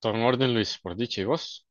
Todo en orden, Luis, por dicha, ¿y vos?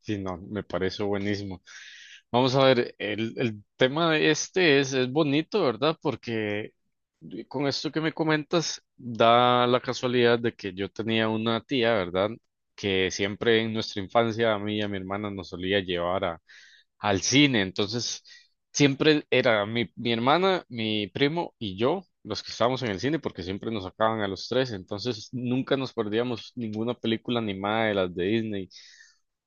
Sí, no, me parece buenísimo. Vamos a ver, el tema de este es bonito, ¿verdad? Porque con esto que me comentas, da la casualidad de que yo tenía una tía, ¿verdad? Que siempre en nuestra infancia a mí y a mi hermana nos solía llevar al cine. Entonces, siempre era mi hermana, mi primo y yo los que estábamos en el cine, porque siempre nos sacaban a los tres. Entonces, nunca nos perdíamos ninguna película animada de las de Disney,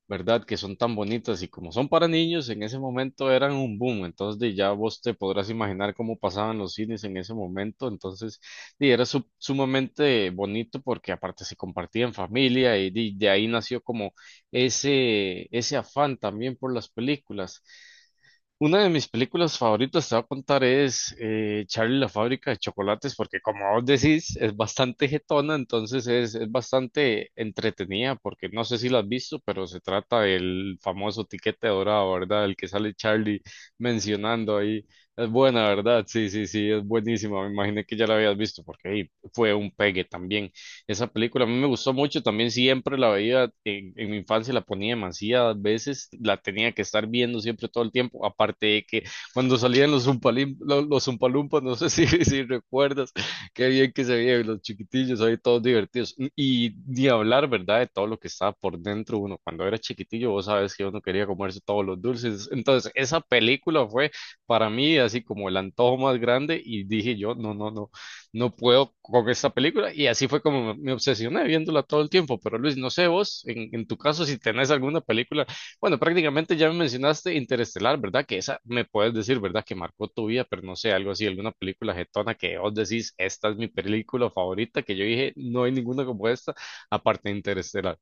¿verdad? Que son tan bonitas y como son para niños, en ese momento eran un boom. Entonces, de ya vos te podrás imaginar cómo pasaban los cines en ese momento. Entonces, di, era sumamente bonito porque aparte se compartía en familia y di, de ahí nació como ese afán también por las películas. Una de mis películas favoritas, te voy a contar, es Charlie y la fábrica de chocolates, porque como vos decís, es bastante jetona, entonces es bastante entretenida, porque no sé si la has visto, pero se trata del famoso tiquete dorado, ¿verdad? El que sale Charlie mencionando ahí. Es buena, ¿verdad? Sí, sí, sí, es buenísima. Me imaginé que ya la habías visto, porque ahí fue un pegue también. Esa película a mí me gustó mucho, también siempre la veía en mi infancia, la ponía demasiadas veces, la tenía que estar viendo siempre todo el tiempo, aparte de que cuando salían los los Zumpalumpas, no sé si, si recuerdas, qué bien que se veían los chiquitillos ahí todos divertidos. Y ni hablar, ¿verdad? De todo lo que estaba por dentro uno. Cuando era chiquitillo, vos sabes que uno quería comerse todos los dulces. Entonces, esa película fue para mí así como el antojo más grande y dije yo, no, no, no, no puedo con esta película. Y así fue como me obsesioné viéndola todo el tiempo. Pero Luis, no sé vos, en tu caso, si tenés alguna película, bueno, prácticamente ya me mencionaste Interestelar, ¿verdad? Que esa me puedes decir, ¿verdad? Que marcó tu vida, pero no sé, algo así, alguna película jetona que vos decís, esta es mi película favorita, que yo dije, no hay ninguna como esta, aparte de Interestelar.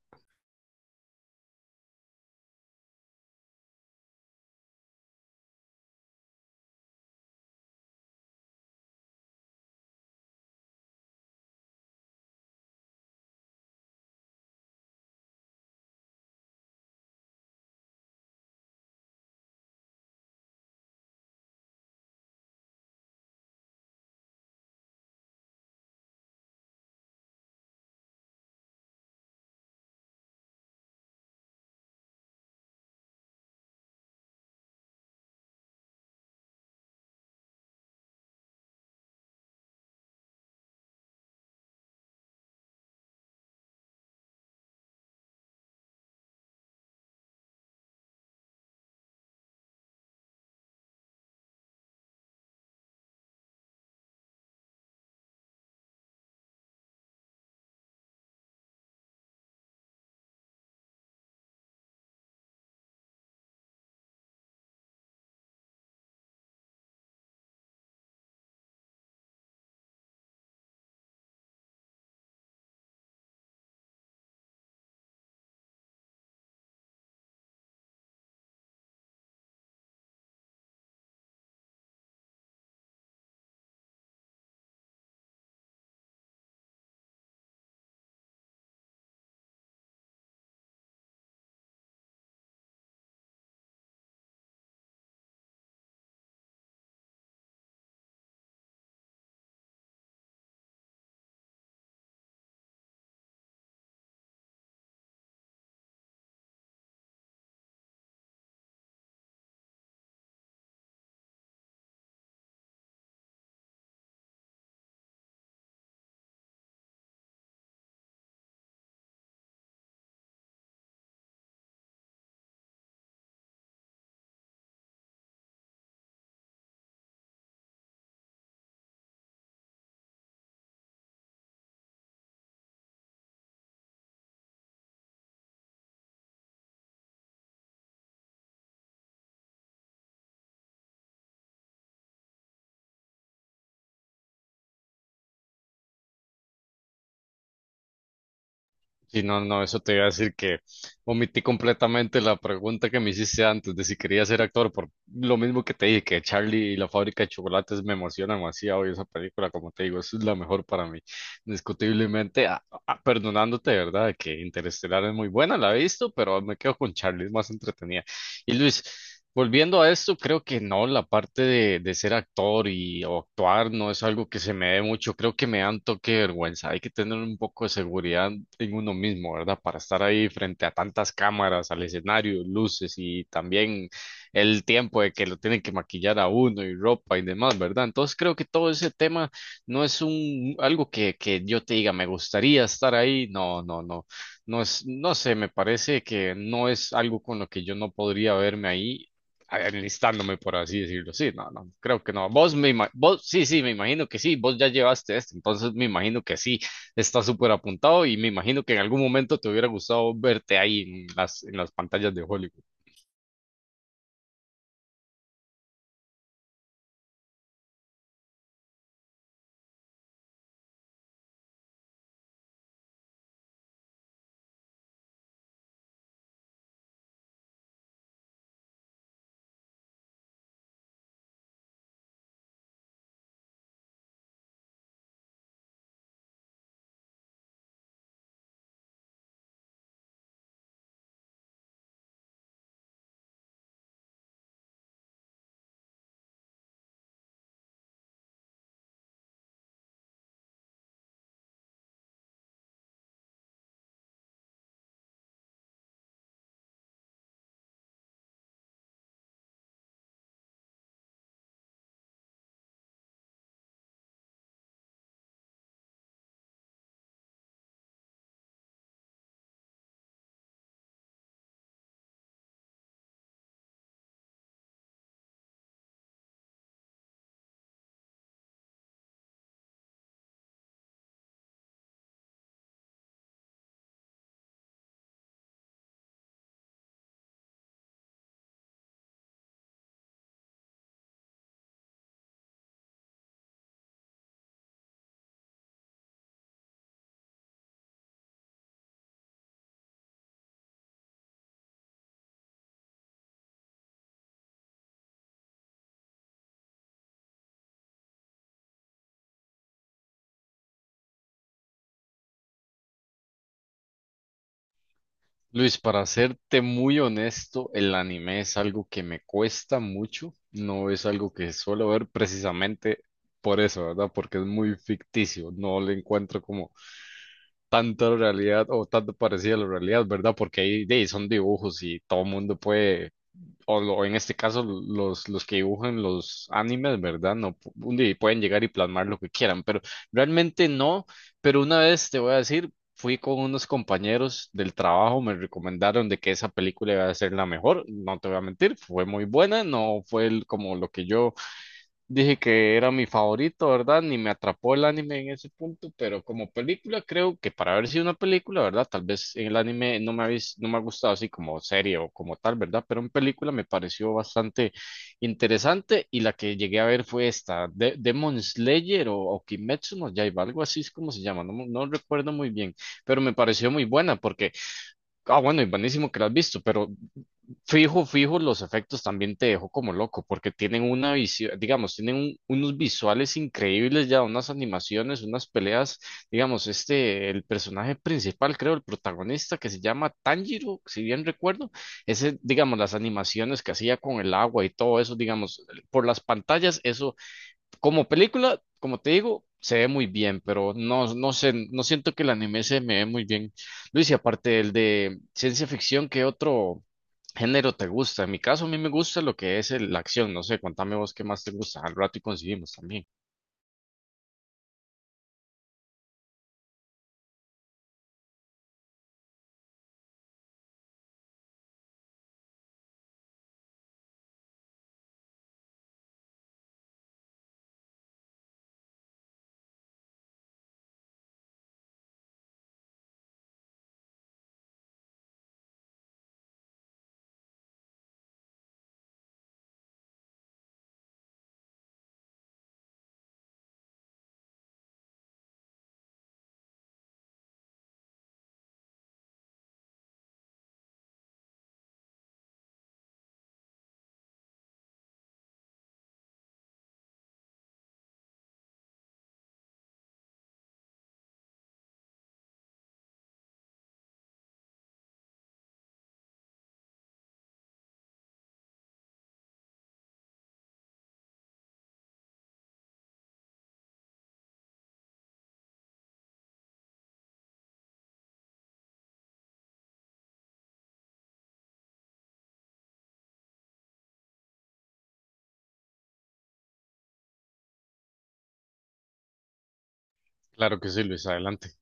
Sí, no, no, eso te iba a decir, que omití completamente la pregunta que me hiciste antes de si quería ser actor, por lo mismo que te dije, que Charlie y la fábrica de chocolates me emociona demasiado y esa película, como te digo, es la mejor para mí, indiscutiblemente, perdonándote, ¿verdad? Que Interestelar es muy buena, la he visto, pero me quedo con Charlie, es más entretenida. Y Luis, volviendo a esto, creo que no, la parte de ser actor y o actuar no es algo que se me dé mucho, creo que me dan toque de vergüenza, hay que tener un poco de seguridad en uno mismo, ¿verdad? Para estar ahí frente a tantas cámaras, al escenario, luces y también el tiempo de que lo tienen que maquillar a uno y ropa y demás, ¿verdad? Entonces, creo que todo ese tema no es un algo que yo te diga, me gustaría estar ahí, no, no, no. No es, no sé, me parece que no es algo con lo que yo no podría verme ahí enlistándome, por así decirlo. Sí, no, no, creo que no. Vos vos, sí, sí, me imagino que sí, vos ya llevaste esto, entonces me imagino que sí, está súper apuntado y me imagino que en algún momento te hubiera gustado verte ahí en las pantallas de Hollywood. Luis, para serte muy honesto, el anime es algo que me cuesta mucho, no es algo que suelo ver precisamente por eso, ¿verdad? Porque es muy ficticio, no le encuentro como tanta realidad o tanto parecida a la realidad, ¿verdad? Porque ahí de ahí son dibujos y todo el mundo puede, en este caso los que dibujan los animes, ¿verdad? No, un día pueden llegar y plasmar lo que quieran, pero realmente no, pero una vez te voy a decir, fui con unos compañeros del trabajo, me recomendaron de que esa película iba a ser la mejor, no te voy a mentir, fue muy buena, no fue como lo que yo dije que era mi favorito, ¿verdad? Ni me atrapó el anime en ese punto, pero como película creo que para haber sido una película, ¿verdad? Tal vez en el anime no me ha, no me ha gustado así como serie o como tal, ¿verdad? Pero en película me pareció bastante interesante, y la que llegué a ver fue esta, de Demon Slayer o Kimetsu no Yaiba, algo así es como se llama, no, no recuerdo muy bien, pero me pareció muy buena porque, ah, bueno, y buenísimo que la has visto, pero fijo, fijo, los efectos también te dejó como loco, porque tienen una visión, digamos, tienen unos visuales increíbles ya, unas animaciones, unas peleas, digamos, este, el personaje principal, creo, el protagonista, que se llama Tanjiro, si bien recuerdo, ese, digamos, las animaciones que hacía con el agua y todo eso, digamos, por las pantallas, eso como película, como te digo, se ve muy bien, pero no, no sé, no siento que el anime se me ve muy bien. Luis, y aparte el de ciencia ficción, ¿qué otro género te gusta? En mi caso, a mí me gusta lo que es la acción. No sé, contame vos qué más te gusta. Al rato y coincidimos también. Claro que sí, Luis, adelante.